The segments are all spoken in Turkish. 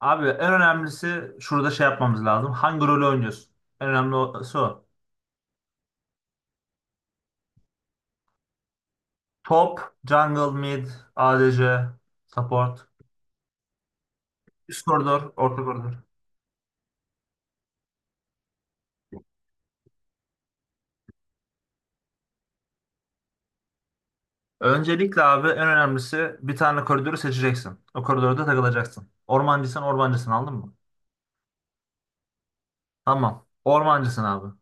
Abi en önemlisi şurada şey yapmamız lazım. Hangi rolü oynuyorsun? En önemli o. Top, jungle, mid, ADC, support, üst koridor, orta koridor. Öncelikle abi en önemlisi bir tane koridoru seçeceksin. O koridorda takılacaksın. Ormancıysan ormancısın anladın mı? Tamam. Ormancısın abi.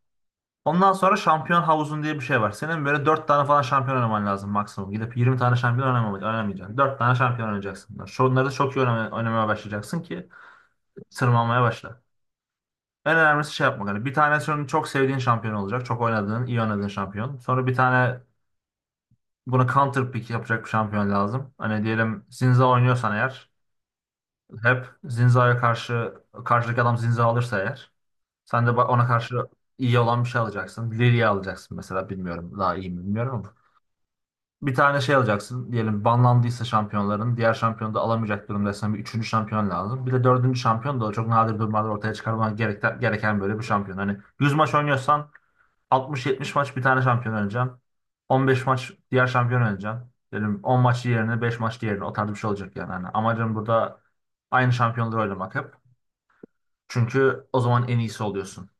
Ondan sonra şampiyon havuzun diye bir şey var. Senin böyle 4 tane falan şampiyon oynaman lazım maksimum. Gidip 20 tane şampiyon oynamayacaksın. 4 tane şampiyon oynayacaksın. Şunları da çok iyi oynamaya başlayacaksın ki tırmanmaya başla. En önemlisi şey yapmak. Hani bir tane senin çok sevdiğin şampiyon olacak. Çok oynadığın, iyi oynadığın şampiyon. Sonra bir tane buna counter pick yapacak bir şampiyon lazım. Hani diyelim Zinza oynuyorsan eğer hep Zinza'ya karşı karşıdaki adam Zinza alırsa eğer sen de ona karşı iyi olan bir şey alacaksın. Liria alacaksın mesela, bilmiyorum, daha iyi mi bilmiyorum ama. Bir tane şey alacaksın. Diyelim banlandıysa şampiyonların, diğer şampiyonu da alamayacak durumdaysan bir üçüncü şampiyon lazım. Bir de dördüncü şampiyon da çok nadir durumlarda ortaya çıkarman gereken böyle bir şampiyon. Hani 100 maç oynuyorsan 60-70 maç bir tane şampiyon olacaksın. 15 maç diğer şampiyon olacaksın. Dedim 10 maç yerine 5 maç diğerine, o tarz bir şey olacak yani. Hani amacım burada aynı şampiyonları oynamak hep. Çünkü o zaman en iyisi oluyorsun.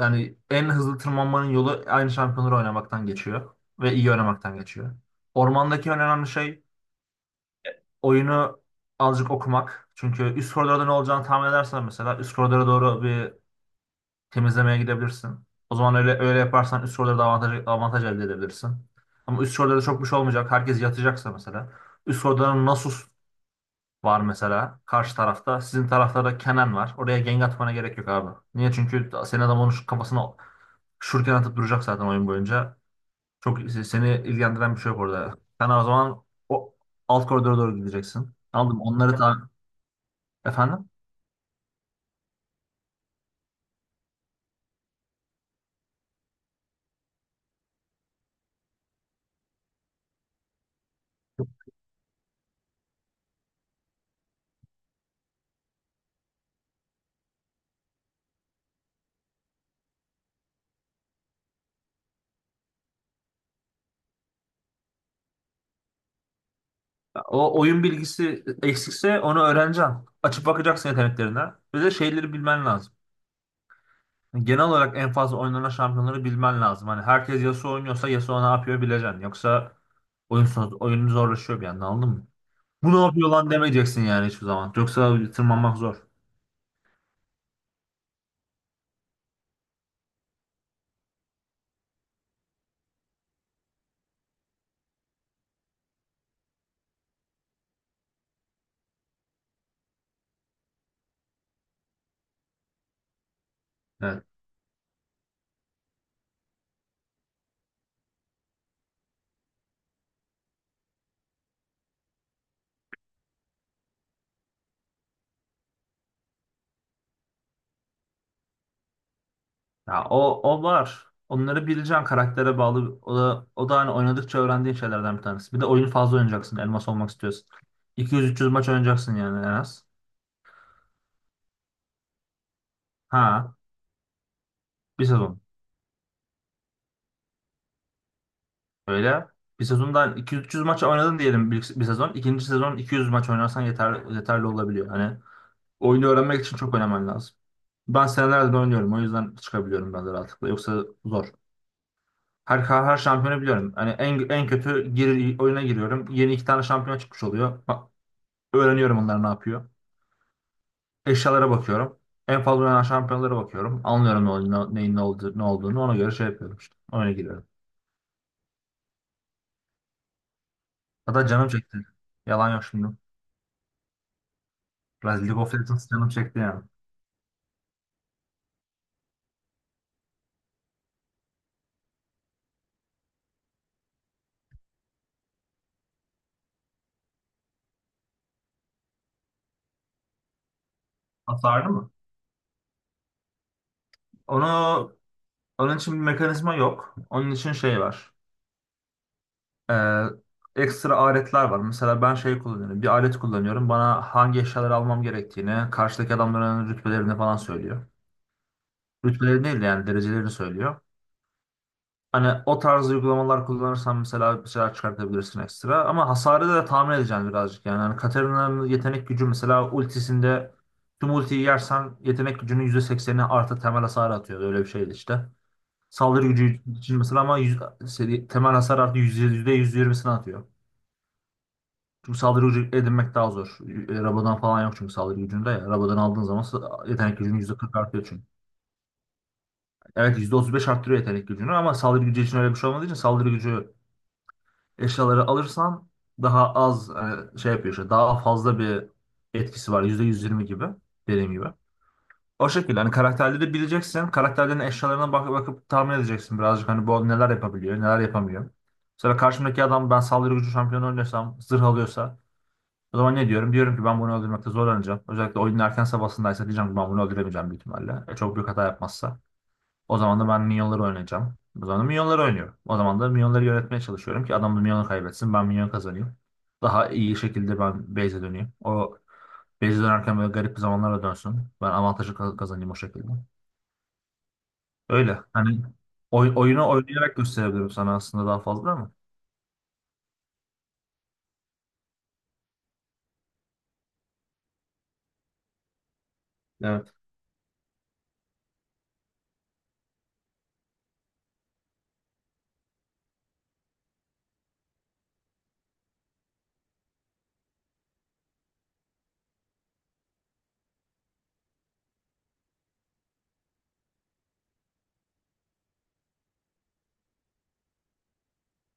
Yani en hızlı tırmanmanın yolu aynı şampiyonları oynamaktan geçiyor. Ve iyi oynamaktan geçiyor. Ormandaki en önemli şey oyunu azıcık okumak. Çünkü üst koridorda ne olacağını tahmin edersen, mesela üst koridora doğru bir temizlemeye gidebilirsin. O zaman öyle öyle yaparsan üst sorularda avantaj elde edebilirsin. Ama üst sorularda çok bir şey olmayacak. Herkes yatacaksa mesela. Üst sorularda Nasus var mesela karşı tarafta. Sizin tarafta da Kenan var. Oraya gank atmana gerek yok abi. Niye? Çünkü senin adam onun kafasına şurken atıp duracak zaten oyun boyunca. Çok seni ilgilendiren bir şey yok orada. Sen o zaman o alt koridora doğru gideceksin. Anladım. Onları da. Efendim. O oyun bilgisi eksikse onu öğreneceksin. Açıp bakacaksın yeteneklerine. Ve de şeyleri bilmen lazım. Yani genel olarak en fazla oynanan şampiyonları bilmen lazım. Hani herkes Yasuo oynuyorsa Yasuo ne yapıyor bileceksin. Yoksa oyun zorlaşıyor bir yandan, anladın mı? Bu ne yapıyor lan demeyeceksin yani hiçbir zaman. Yoksa tırmanmak zor. Evet. Ya o var. Onları bileceksin, karaktere bağlı. O da hani oynadıkça öğrendiğin şeylerden bir tanesi. Bir de oyun fazla oynayacaksın elmas olmak istiyorsan. 200-300 maç oynayacaksın yani en az. Ha, bir sezon. Öyle. Bir sezondan 200-300 maç oynadın diyelim, bir sezon. İkinci sezon 200 maç oynarsan yeterli olabiliyor. Hani oyunu öğrenmek için çok oynaman lazım. Ben senelerdir oynuyorum. O yüzden çıkabiliyorum ben de rahatlıkla. Yoksa zor. Her şampiyonu biliyorum. Hani en kötü oyuna giriyorum. Yeni iki tane şampiyon çıkmış oluyor. Bak, öğreniyorum onlar ne yapıyor. Eşyalara bakıyorum. En fazla oynanan şampiyonlara bakıyorum. Anlıyorum ne, ol- ne- neyin ne, oldu, ne olduğunu. Ona göre şey yapıyorum işte. Oyuna giriyorum. Hatta canım çekti. Yalan yok şimdi. Biraz League of Legends canım çekti yani. Hasarlı mı? Onu, onun için bir mekanizma yok. Onun için şey var. Ee, ekstra aletler var. Mesela ben şey kullanıyorum. Bir alet kullanıyorum. Bana hangi eşyaları almam gerektiğini, karşıdaki adamların rütbelerini falan söylüyor. Rütbelerini değil de yani derecelerini söylüyor. Hani o tarz uygulamalar kullanırsan mesela bir şeyler çıkartabilirsin ekstra. Ama hasarı da tahmin edeceksin birazcık yani. Hani Katarina'nın yetenek gücü mesela ultisinde tüm ultiyi yersen yetenek gücünün %80'ini artı temel hasar atıyor. Öyle bir şeydi işte. Saldırı gücü için mesela, ama temel hasar artı %120'sini atıyor. Çünkü saldırı gücü edinmek daha zor. Rabodan falan yok çünkü saldırı gücünde ya. Rabodan aldığın zaman yetenek gücünün %40 artıyor çünkü. Evet, %35 arttırıyor yetenek gücünü, ama saldırı gücü için öyle bir şey olmadığı için saldırı gücü eşyaları alırsan daha az hani şey yapıyor işte, daha fazla bir etkisi var. %120 gibi dediğim gibi. O şekilde hani karakterleri bileceksin. Karakterlerin eşyalarına bakıp tahmin edeceksin birazcık, hani bu neler yapabiliyor, neler yapamıyor. Mesela karşımdaki adam, ben saldırı gücü şampiyonu oynuyorsam zırh alıyorsa, o zaman ne diyorum? Diyorum ki ben bunu öldürmekte zorlanacağım. Özellikle oyunun erken safhasındaysa diyeceğim ki ben bunu öldüremeyeceğim büyük ihtimalle. Çok büyük hata yapmazsa. O zaman da ben minyonları oynayacağım. O zaman da minyonları oynuyorum. O zaman da minyonları yönetmeye çalışıyorum ki adam da minyonu kaybetsin. Ben minyon kazanayım. Daha iyi şekilde ben base'e döneyim. O base'e dönerken böyle garip zamanlara dönsün. Ben avantajı kazanayım o şekilde. Öyle. Hani oyunu oynayarak gösterebilirim sana aslında daha fazla ama. Evet.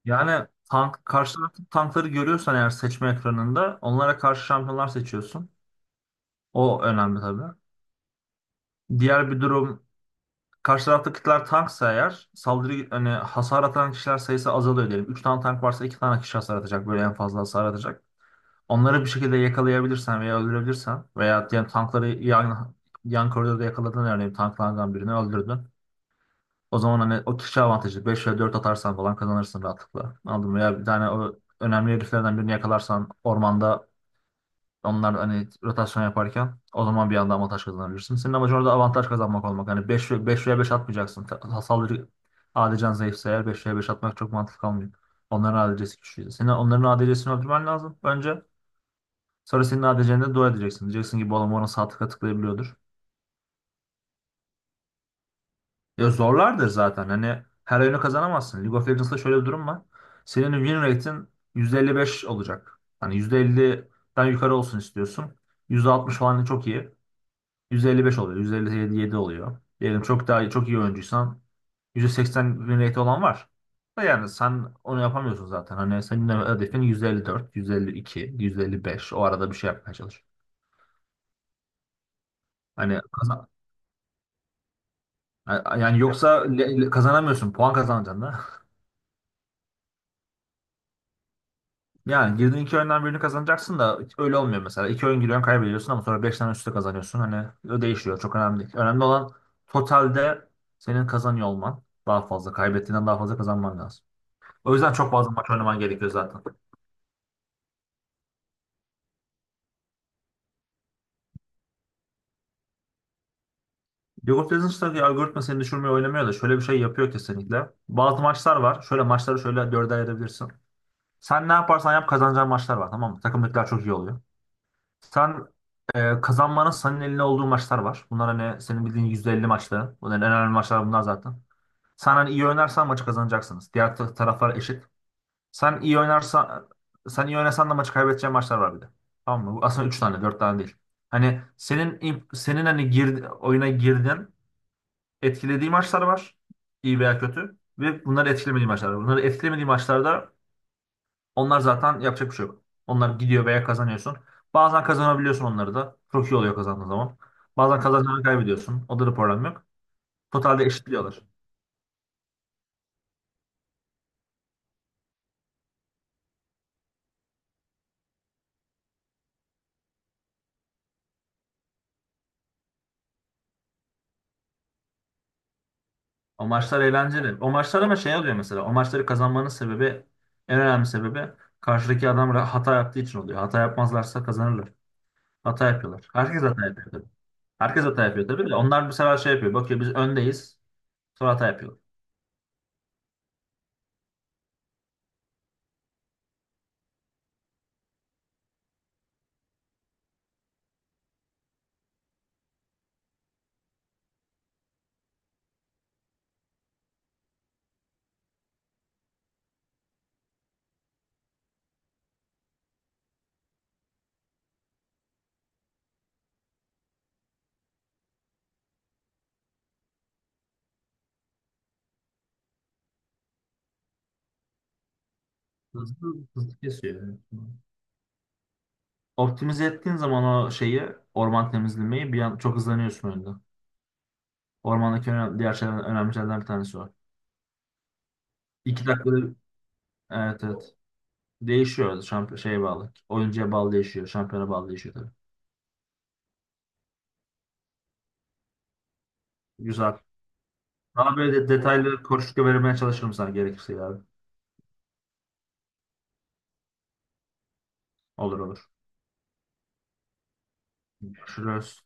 Yani tank, karşı tarafın tankları görüyorsan eğer, seçme ekranında onlara karşı şampiyonlar seçiyorsun. O önemli tabii. Diğer bir durum, karşı taraftakiler tanksa eğer, saldırı hani hasar atan kişiler sayısı azalıyor diyelim. 3 tane tank varsa 2 tane kişi hasar atacak. Böyle en fazla hasar atacak. Onları bir şekilde yakalayabilirsen veya öldürebilirsen veya diyelim tankları yan koridorda yakaladın yani, tanklardan birini öldürdün. O zaman hani o kişi avantajı, beş veya 4 atarsan falan, kazanırsın rahatlıkla. Anladın mı? Veya bir tane o önemli heriflerden birini yakalarsan ormanda, onlar hani rotasyon yaparken, o zaman bir anda avantaj kazanabilirsin. Senin amacın orada avantaj kazanmak olmak. Hani 5 5 veya 5 atmayacaksın. Saldırı ADC'n zayıfsa eğer, beş veya 5 atmak çok mantıklı olmuyor. Onların ADC'si güçlüydü. Senin onların ADC'sini öldürmen lazım önce. Sonra senin ADC'ne dua edeceksin. Diyeceksin ki bu adam ona sağ tıklayabiliyordur. Ya zorlardır zaten. Hani her oyunu kazanamazsın. League of Legends'da şöyle bir durum var. Senin win rate'in %55 olacak. Hani %50'den yukarı olsun istiyorsun. %60 falan çok iyi. 155 oluyor. 157 oluyor. Diyelim çok daha çok iyi oyuncuysan 180 win rate olan var da, yani sen onu yapamıyorsun zaten. Hani senin hedefin 154, 152, 155. O arada bir şey yapmaya çalış. Hani yani, yoksa kazanamıyorsun. Puan kazanacaksın da. Yani girdiğin iki oyundan birini kazanacaksın da öyle olmuyor mesela. İki oyun giriyorsun, kaybediyorsun, ama sonra beş tane üstü kazanıyorsun. Hani o değişiyor. Çok önemli değil. Önemli olan totalde senin kazanıyor olman. Daha fazla. Kaybettiğinden daha fazla kazanman lazım. O yüzden çok fazla maç oynaman gerekiyor zaten. League of algoritma seni düşürmeye oynamıyor da şöyle bir şey yapıyor kesinlikle. Bazı maçlar var. Şöyle maçları şöyle dörde ayırabilirsin. Sen ne yaparsan yap kazanacağın maçlar var, tamam mı? Takımdakiler çok iyi oluyor. Sen kazanmanın senin elinde olduğu maçlar var. Bunlar hani senin bildiğin %50 maçları. Bunların en önemli maçlar bunlar zaten. Sen hani iyi oynarsan maçı kazanacaksınız. Diğer taraflar eşit. Sen iyi oynarsan Sen iyi oynasan da maçı kaybedeceğin maçlar var bir de. Tamam mı? Bu aslında 3 tane, 4 tane değil. Hani senin oyuna girdin, etkilediği maçlar var. İyi veya kötü ve bunları etkilemediği maçlar var. Bunları etkilemediği maçlarda onlar zaten yapacak bir şey yok. Onlar gidiyor veya kazanıyorsun. Bazen kazanabiliyorsun onları da. Çok iyi oluyor kazandığın zaman. Bazen kazanacağını kaybediyorsun. O da bir problem yok. Totalde eşitliyorlar. O maçlar eğlenceli. O maçlar ama şey oluyor mesela. O maçları kazanmanın sebebi, en önemli sebebi, karşıdaki adam hata yaptığı için oluyor. Hata yapmazlarsa kazanırlar. Hata yapıyorlar. Herkes hata yapıyor tabii. Herkes hata yapıyor tabii de. Onlar bu sefer şey yapıyor. Bakıyor biz öndeyiz. Sonra hata yapıyorlar. Hızlı, hızlı kesiyor yani. Optimize ettiğin zaman o şeyi, orman temizlemeyi, bir an çok hızlanıyorsun önünde. Ormandaki diğer şeyler, önemli şeylerden bir tanesi o. 2 dakikada. Evet, evet. Değişiyor. Şampiyon şeye bağlı. Oyuncuya bağlı değişiyor. Şampiyona bağlı değişiyor tabii. Güzel. Daha böyle de detaylı koşulda vermeye çalışırım sana gerekirse yani. Olur, olur. Görüşürüz.